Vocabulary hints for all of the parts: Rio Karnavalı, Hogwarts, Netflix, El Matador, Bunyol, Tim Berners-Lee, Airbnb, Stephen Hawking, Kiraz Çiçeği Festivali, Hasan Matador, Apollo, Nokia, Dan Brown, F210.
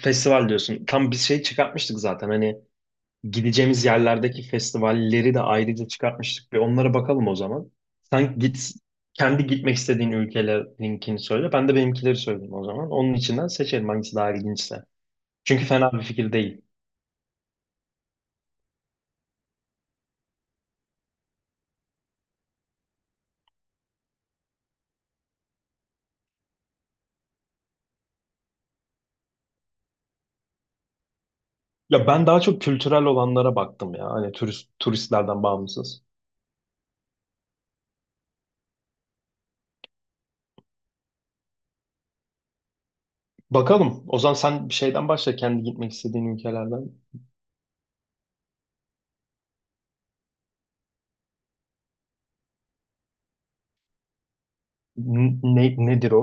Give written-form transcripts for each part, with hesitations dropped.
Festival diyorsun. Tam bir şey çıkartmıştık zaten. Hani gideceğimiz yerlerdeki festivalleri de ayrıca çıkartmıştık. Bir onlara bakalım o zaman. Sen git kendi gitmek istediğin ülkelerin söyle. Ben de benimkileri söyleyeyim o zaman. Onun içinden seçelim hangisi daha ilginçse. Çünkü fena bir fikir değil. Ya ben daha çok kültürel olanlara baktım ya. Hani turist, turistlerden bağımsız. Bakalım. O zaman sen bir şeyden başla. Kendi gitmek istediğin ülkelerden. Nedir o?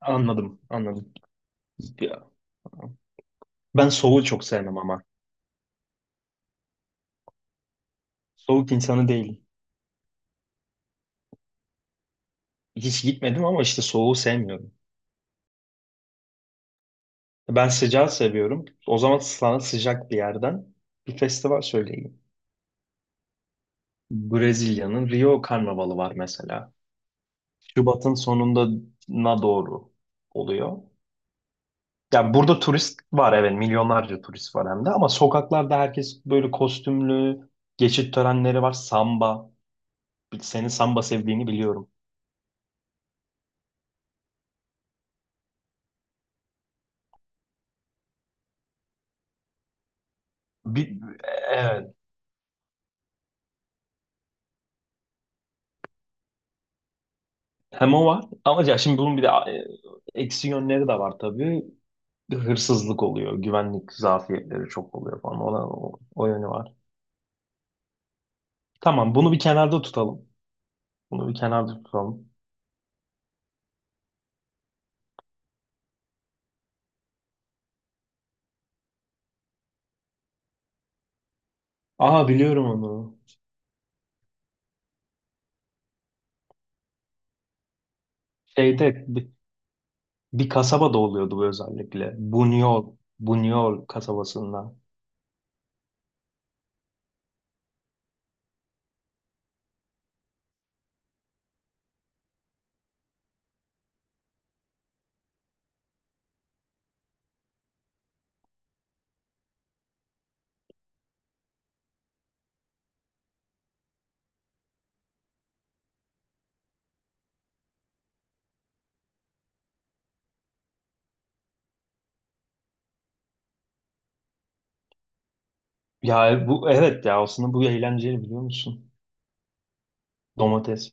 Anladım, anladım. Ya, ben soğuğu çok sevmem ama. Soğuk insanı değilim. Hiç gitmedim ama işte soğuğu sevmiyorum. Ben sıcağı seviyorum. O zaman sana sıcak bir yerden bir festival söyleyeyim. Brezilya'nın Rio Karnavalı var mesela. Şubat'ın sonuna doğru oluyor. Yani burada turist var, evet, milyonlarca turist var hem de, ama sokaklarda herkes böyle kostümlü, geçit törenleri var, samba. Senin samba sevdiğini biliyorum. Bir, evet, hem o var ama ya şimdi bunun bir de eksi yönleri de var tabii. Hırsızlık oluyor, güvenlik zafiyetleri çok oluyor falan. Ona, o yönü var. Tamam, bunu bir kenarda tutalım. Bunu bir kenarda tutalım. Aa, biliyorum onu. Şeyde bir kasabada oluyordu bu özellikle. Bunyol kasabasında. Ya bu evet ya aslında bu eğlenceli, biliyor musun? Domates.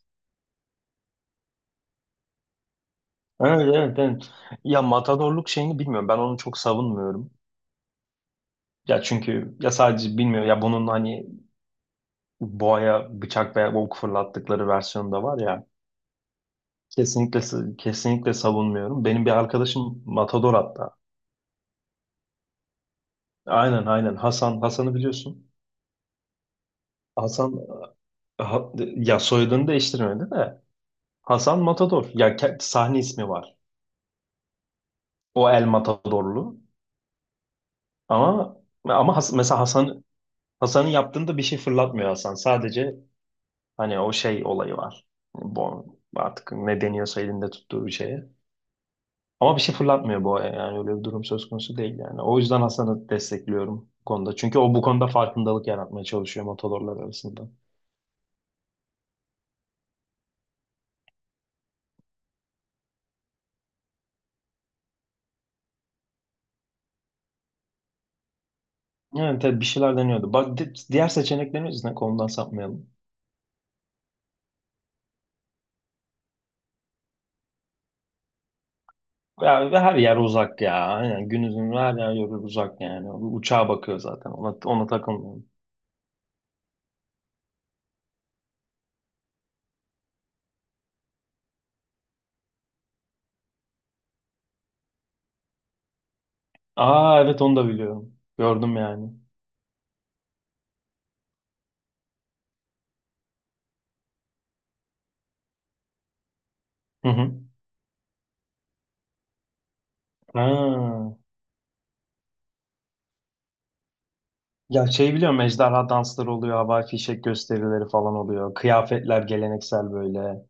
Evet, evet, evet. Ya matadorluk şeyini bilmiyorum. Ben onu çok savunmuyorum. Ya çünkü ya sadece bilmiyorum ya bunun hani boğaya bıçak veya ok fırlattıkları versiyonu da var ya. Kesinlikle kesinlikle savunmuyorum. Benim bir arkadaşım Matador hatta. Aynen aynen, Hasan'ı biliyorsun. Hasan ha- ya soyadını değiştirmedi de Hasan Matador. Ya sahne ismi var. O El Matadorlu. Ama ama mesela Hasan'ın yaptığında bir şey fırlatmıyor Hasan. Sadece hani o şey olayı var. Bu artık ne deniyorsa elinde tuttuğu bir şeye. Ama bir şey fırlatmıyor bu aya, yani öyle bir durum söz konusu değil yani. O yüzden Hasan'ı destekliyorum bu konuda. Çünkü o bu konuda farkındalık yaratmaya çalışıyor motorlar arasında. Yani tabii bir şeyler deniyordu. Bak, diğer seçeneklerimiz ne? Konudan sapmayalım. Ya, ve her yer uzak ya. Yani günümüzün her yer yolu uzak yani. Uçağa bakıyor zaten. Ona takılmıyorum. Aa evet, onu da biliyorum. Gördüm yani. Hı hı. Ha. Ya şey, biliyorum ejderha dansları oluyor. Havai fişek gösterileri falan oluyor. Kıyafetler geleneksel böyle.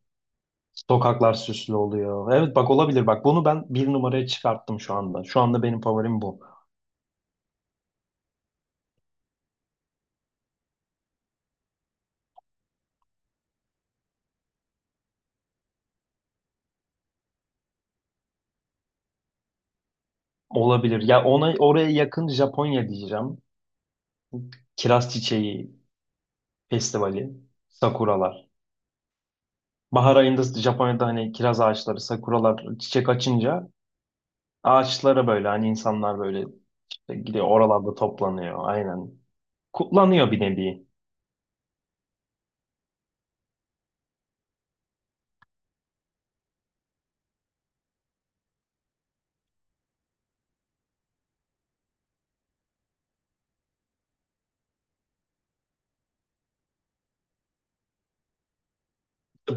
Sokaklar süslü oluyor. Evet, bak olabilir, bak bunu ben bir numaraya çıkarttım şu anda. Şu anda benim favorim bu. Olabilir. Ya oraya yakın Japonya diyeceğim. Kiraz Çiçeği Festivali, sakuralar. Bahar ayında Japonya'da hani kiraz ağaçları, sakuralar çiçek açınca ağaçlara böyle hani insanlar böyle işte gidiyor, oralarda toplanıyor. Aynen. Kutlanıyor bir nevi.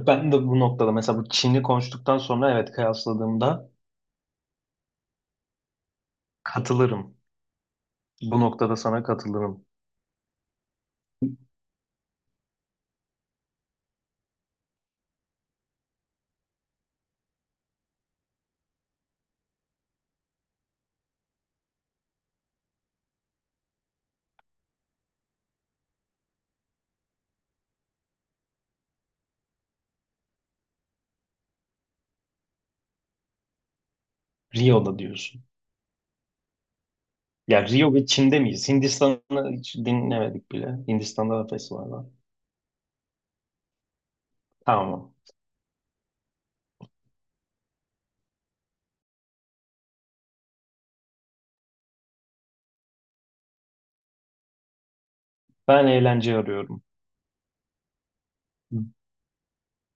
Ben de bu noktada, mesela bu Çin'i konuştuktan sonra, evet kıyasladığımda katılırım. Bu noktada sana katılırım. Rio'da diyorsun. Ya Rio ve Çin'de miyiz? Hindistan'ı hiç dinlemedik bile. Hindistan'da da festival var. Tamam. Ben eğlence arıyorum.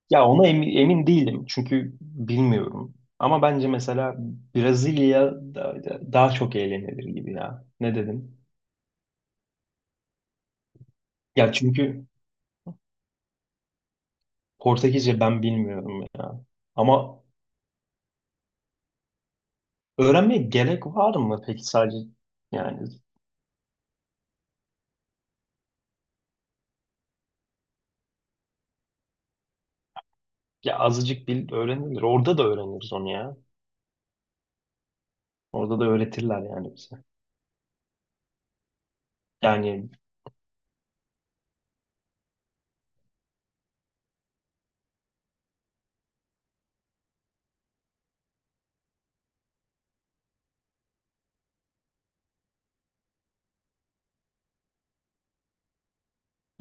Ya ona emin değilim. Çünkü bilmiyorum. Ama bence mesela Brezilya daha çok eğlenilir gibi ya. Ne dedim? Ya çünkü Portekizce ben bilmiyorum ya. Ama öğrenmeye gerek var mı peki sadece? Yani ya azıcık bil, öğrenilir. Orada da öğreniriz onu ya. Orada da öğretirler yani bize. Yani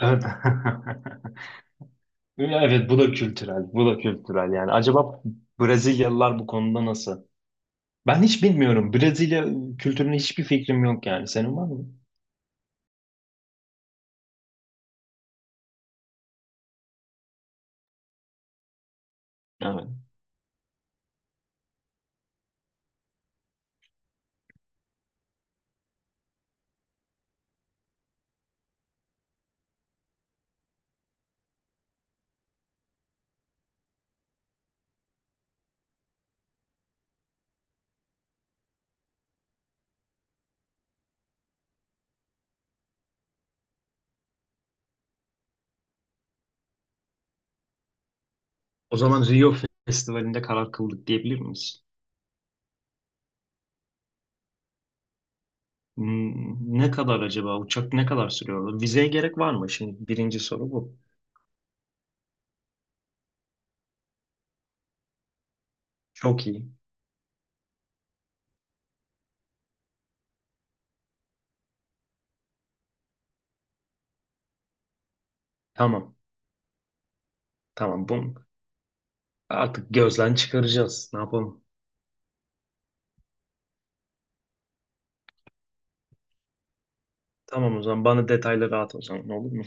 evet. Ya evet, bu da kültürel. Bu da kültürel yani. Acaba Brezilyalılar bu konuda nasıl? Ben hiç bilmiyorum. Brezilya kültürüne hiçbir fikrim yok yani. Senin var mı? Evet. O zaman Rio Festivali'nde karar kıldık diyebilir miyiz? Hmm, ne kadar acaba? Uçak ne kadar sürüyor? Vizeye gerek var mı? Şimdi birinci soru bu. Çok iyi. Tamam. Tamam. Bunu artık gözden çıkaracağız. Ne yapalım? Tamam, o zaman bana detayları at o zaman, olur mu?